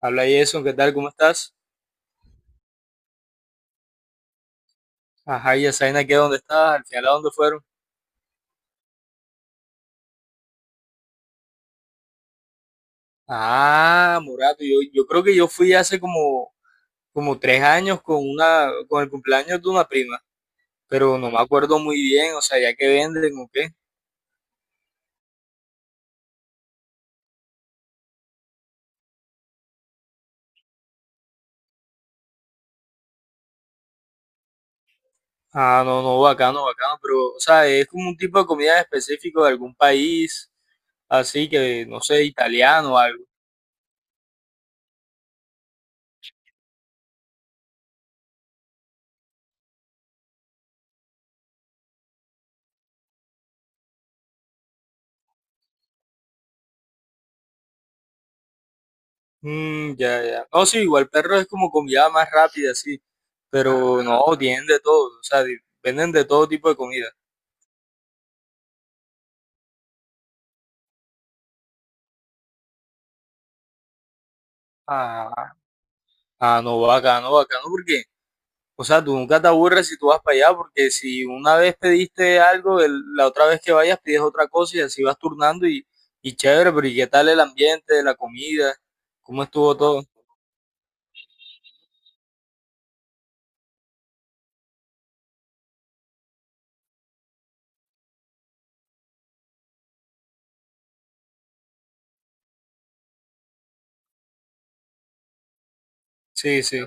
Habla Jason, ¿qué tal? ¿Cómo estás? Ajá, y Asaina, ¿qué? ¿Dónde estás? ¿Al final a dónde fueron? Ah, Morato, yo creo que yo fui hace como, como tres años con el cumpleaños de una prima, pero no me acuerdo muy bien, o sea, ya que venden o qué. Ah, no, no, bacano, bacano, pero, o sea, es como un tipo de comida específico de algún país, así que, no sé, italiano o algo. Mm, ya, ya. No, sí, igual perro es como comida más rápida, sí, pero no, tienen de todo, o sea, venden de todo tipo de comida. Ah. No, bacano, bacano, porque, o sea, tú nunca te aburres si tú vas para allá, porque si una vez pediste algo, la otra vez que vayas pides otra cosa y así vas turnando y chévere, pero ¿y qué tal el ambiente, la comida? ¿Cómo estuvo todo? Sí, sí.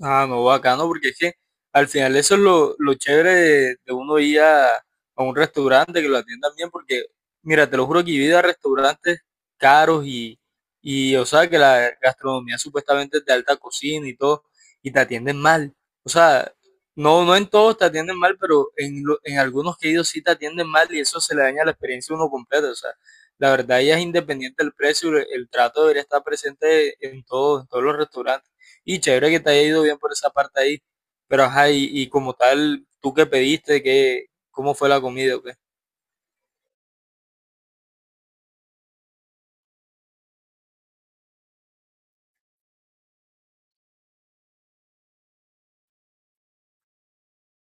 Ah, no, bacano, porque es que al final eso es lo chévere. De de uno ir a un restaurante que lo atiendan bien, porque mira, te lo juro que he ido a restaurantes caros y, o sea, que la gastronomía supuestamente es de alta cocina y todo, y te atienden mal. O sea, no, no en todos te atienden mal, pero en algunos que he ido sí te atienden mal y eso se le daña la experiencia a uno completa. O sea, la verdad ya es independiente del precio, el trato debería estar presente en todos los restaurantes. Y chévere que te haya ido bien por esa parte ahí. Pero ajá, y como tal, ¿tú qué pediste? ¿Qué, cómo fue la comida o qué?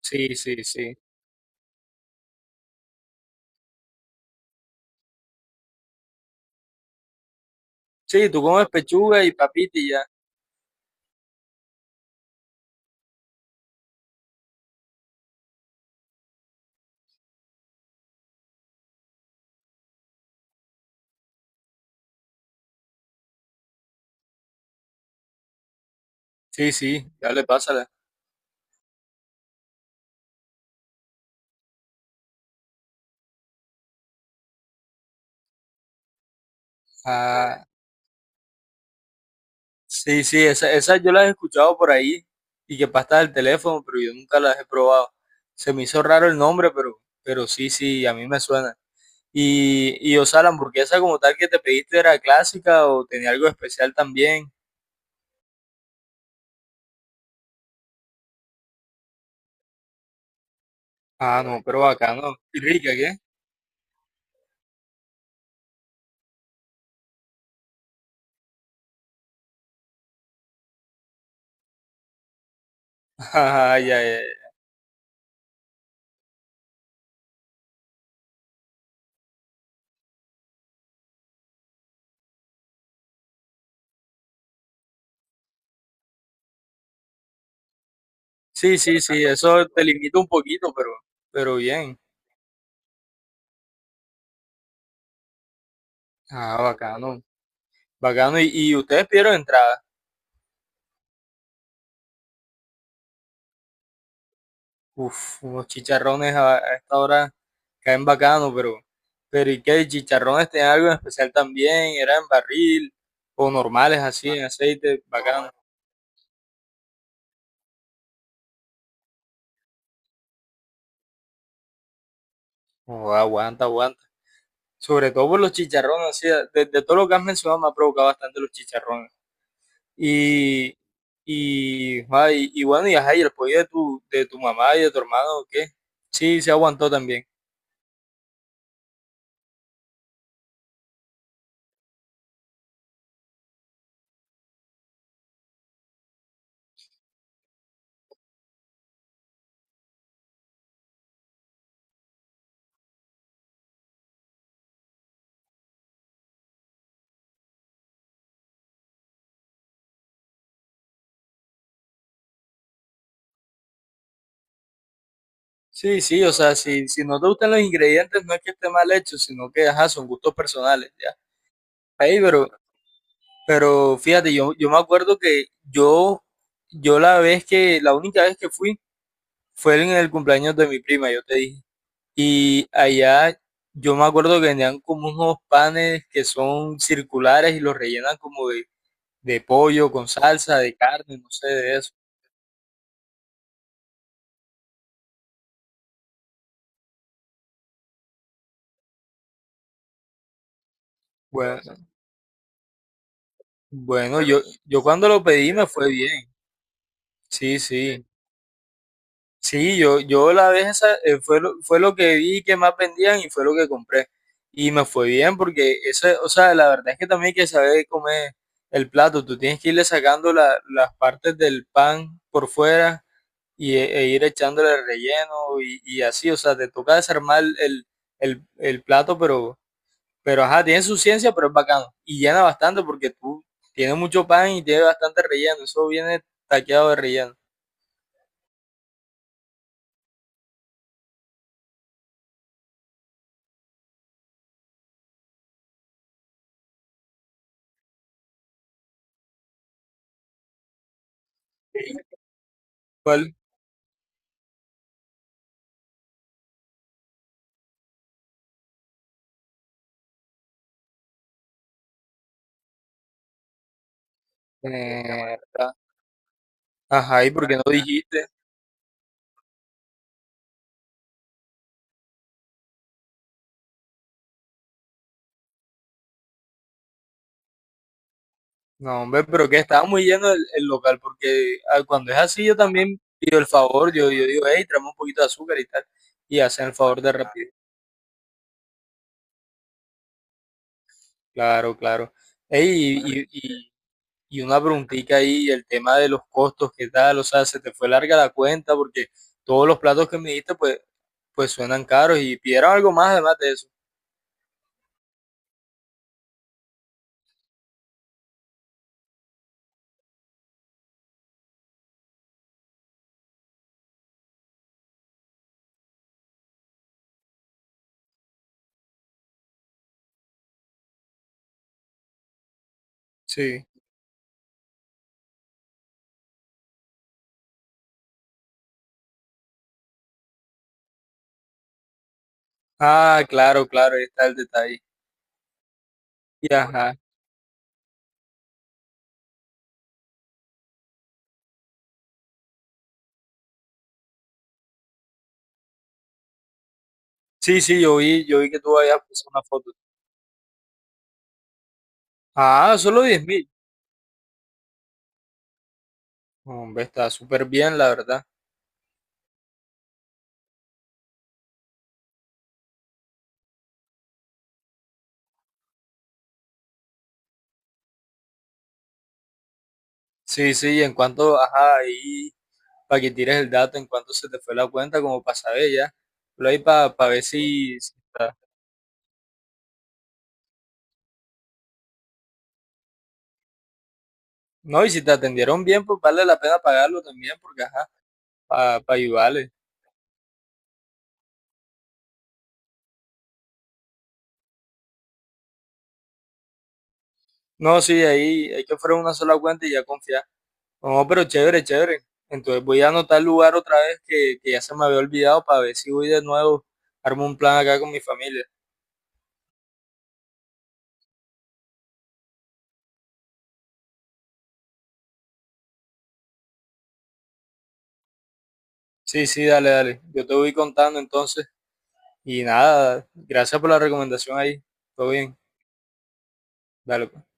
Sí, sí, sí. Sí, tú comes pechuga y papita y ya. Sí, sí, ya le pásala. Ah, sí, sí, esas yo las he escuchado por ahí y que pasta del teléfono, pero yo nunca las he probado. Se me hizo raro el nombre, pero sí, sí, a mí me suena. Y o sea, la hamburguesa como tal que te pediste era clásica o tenía algo especial también. Ah, no, pero bacano. Y rica, ¿qué? Ah, ya, ya. Sí, sí, sí, eso te limita un poquito, pero bien. Ah, bacano, bacano. Y ustedes pidieron entrada. Uf, unos chicharrones a esta hora caen bacano, pero ¿y qué? ¿Chicharrones tenían algo en especial también? ¿Eran barril o normales así, en aceite? Bacano. Oh, aguanta, aguanta. Sobre todo por los chicharrones, así, de todo lo que has mencionado me ha provocado bastante los chicharrones. Y, y, ah, y bueno, y ajá, y el apoyo de tu mamá y de tu hermano, ¿qué? Sí, se aguantó también. Sí, sí, o sea, si, si no te gustan los ingredientes, no es que esté mal hecho, sino que, ajá, son gustos personales, ya. Ahí, pero fíjate, yo me acuerdo que yo, la única vez que fui, fue en el cumpleaños de mi prima, yo te dije. Y allá yo me acuerdo que tenían como unos panes que son circulares y los rellenan como de pollo con salsa, de carne, no sé de eso. Bueno, bueno, yo cuando lo pedí me fue bien. Sí, sí. Sí, yo la vez esa fue lo que vi que más vendían y fue lo que compré. Y me fue bien porque eso, o sea, la verdad es que también hay que saber comer el plato. Tú tienes que irle sacando las partes del pan por fuera y, e ir echándole el relleno y así. O sea, te toca desarmar el plato, pero ajá, tiene su ciencia, pero es bacano. Y llena bastante porque tú tiene mucho pan y tiene bastante relleno. Eso viene taqueado de relleno. ¿Cuál? Mierda. Ajá, ¿y por qué no dijiste? No, hombre, pero que estaba muy lleno el local, porque ah, cuando es así yo también pido el favor, yo digo, hey, tráeme un poquito de azúcar y tal, y hacen el favor de rápido. Claro, claro. Ey, y una preguntita ahí, el tema de los costos, ¿qué tal? O sea, se te fue larga la cuenta, porque todos los platos que me diste, pues suenan caros y pidieron algo más además de eso. Sí. Ah, claro, claro, ahí está el detalle. Y ajá. Sí, sí, yo vi que tú habías puesto una foto. Ah, solo 10.000. Hombre, está súper bien, la verdad. Sí, sí, y en cuanto, ajá, ahí, para que tires el dato, en cuanto se te fue la cuenta, como para saber ya. Lo ahí para ver si, si está- No, y si te atendieron bien, pues vale la pena pagarlo también, porque ajá, para ayudarles. No, sí, ahí hay que ofrecer una sola cuenta y ya confiar. No, pero chévere, chévere. Entonces voy a anotar el lugar otra vez que ya se me había olvidado para ver si voy de nuevo, armo un plan acá con mi familia. Sí, sí, dale, dale. Yo te voy contando entonces. Y nada, gracias por la recomendación ahí. Todo bien. Dale pues.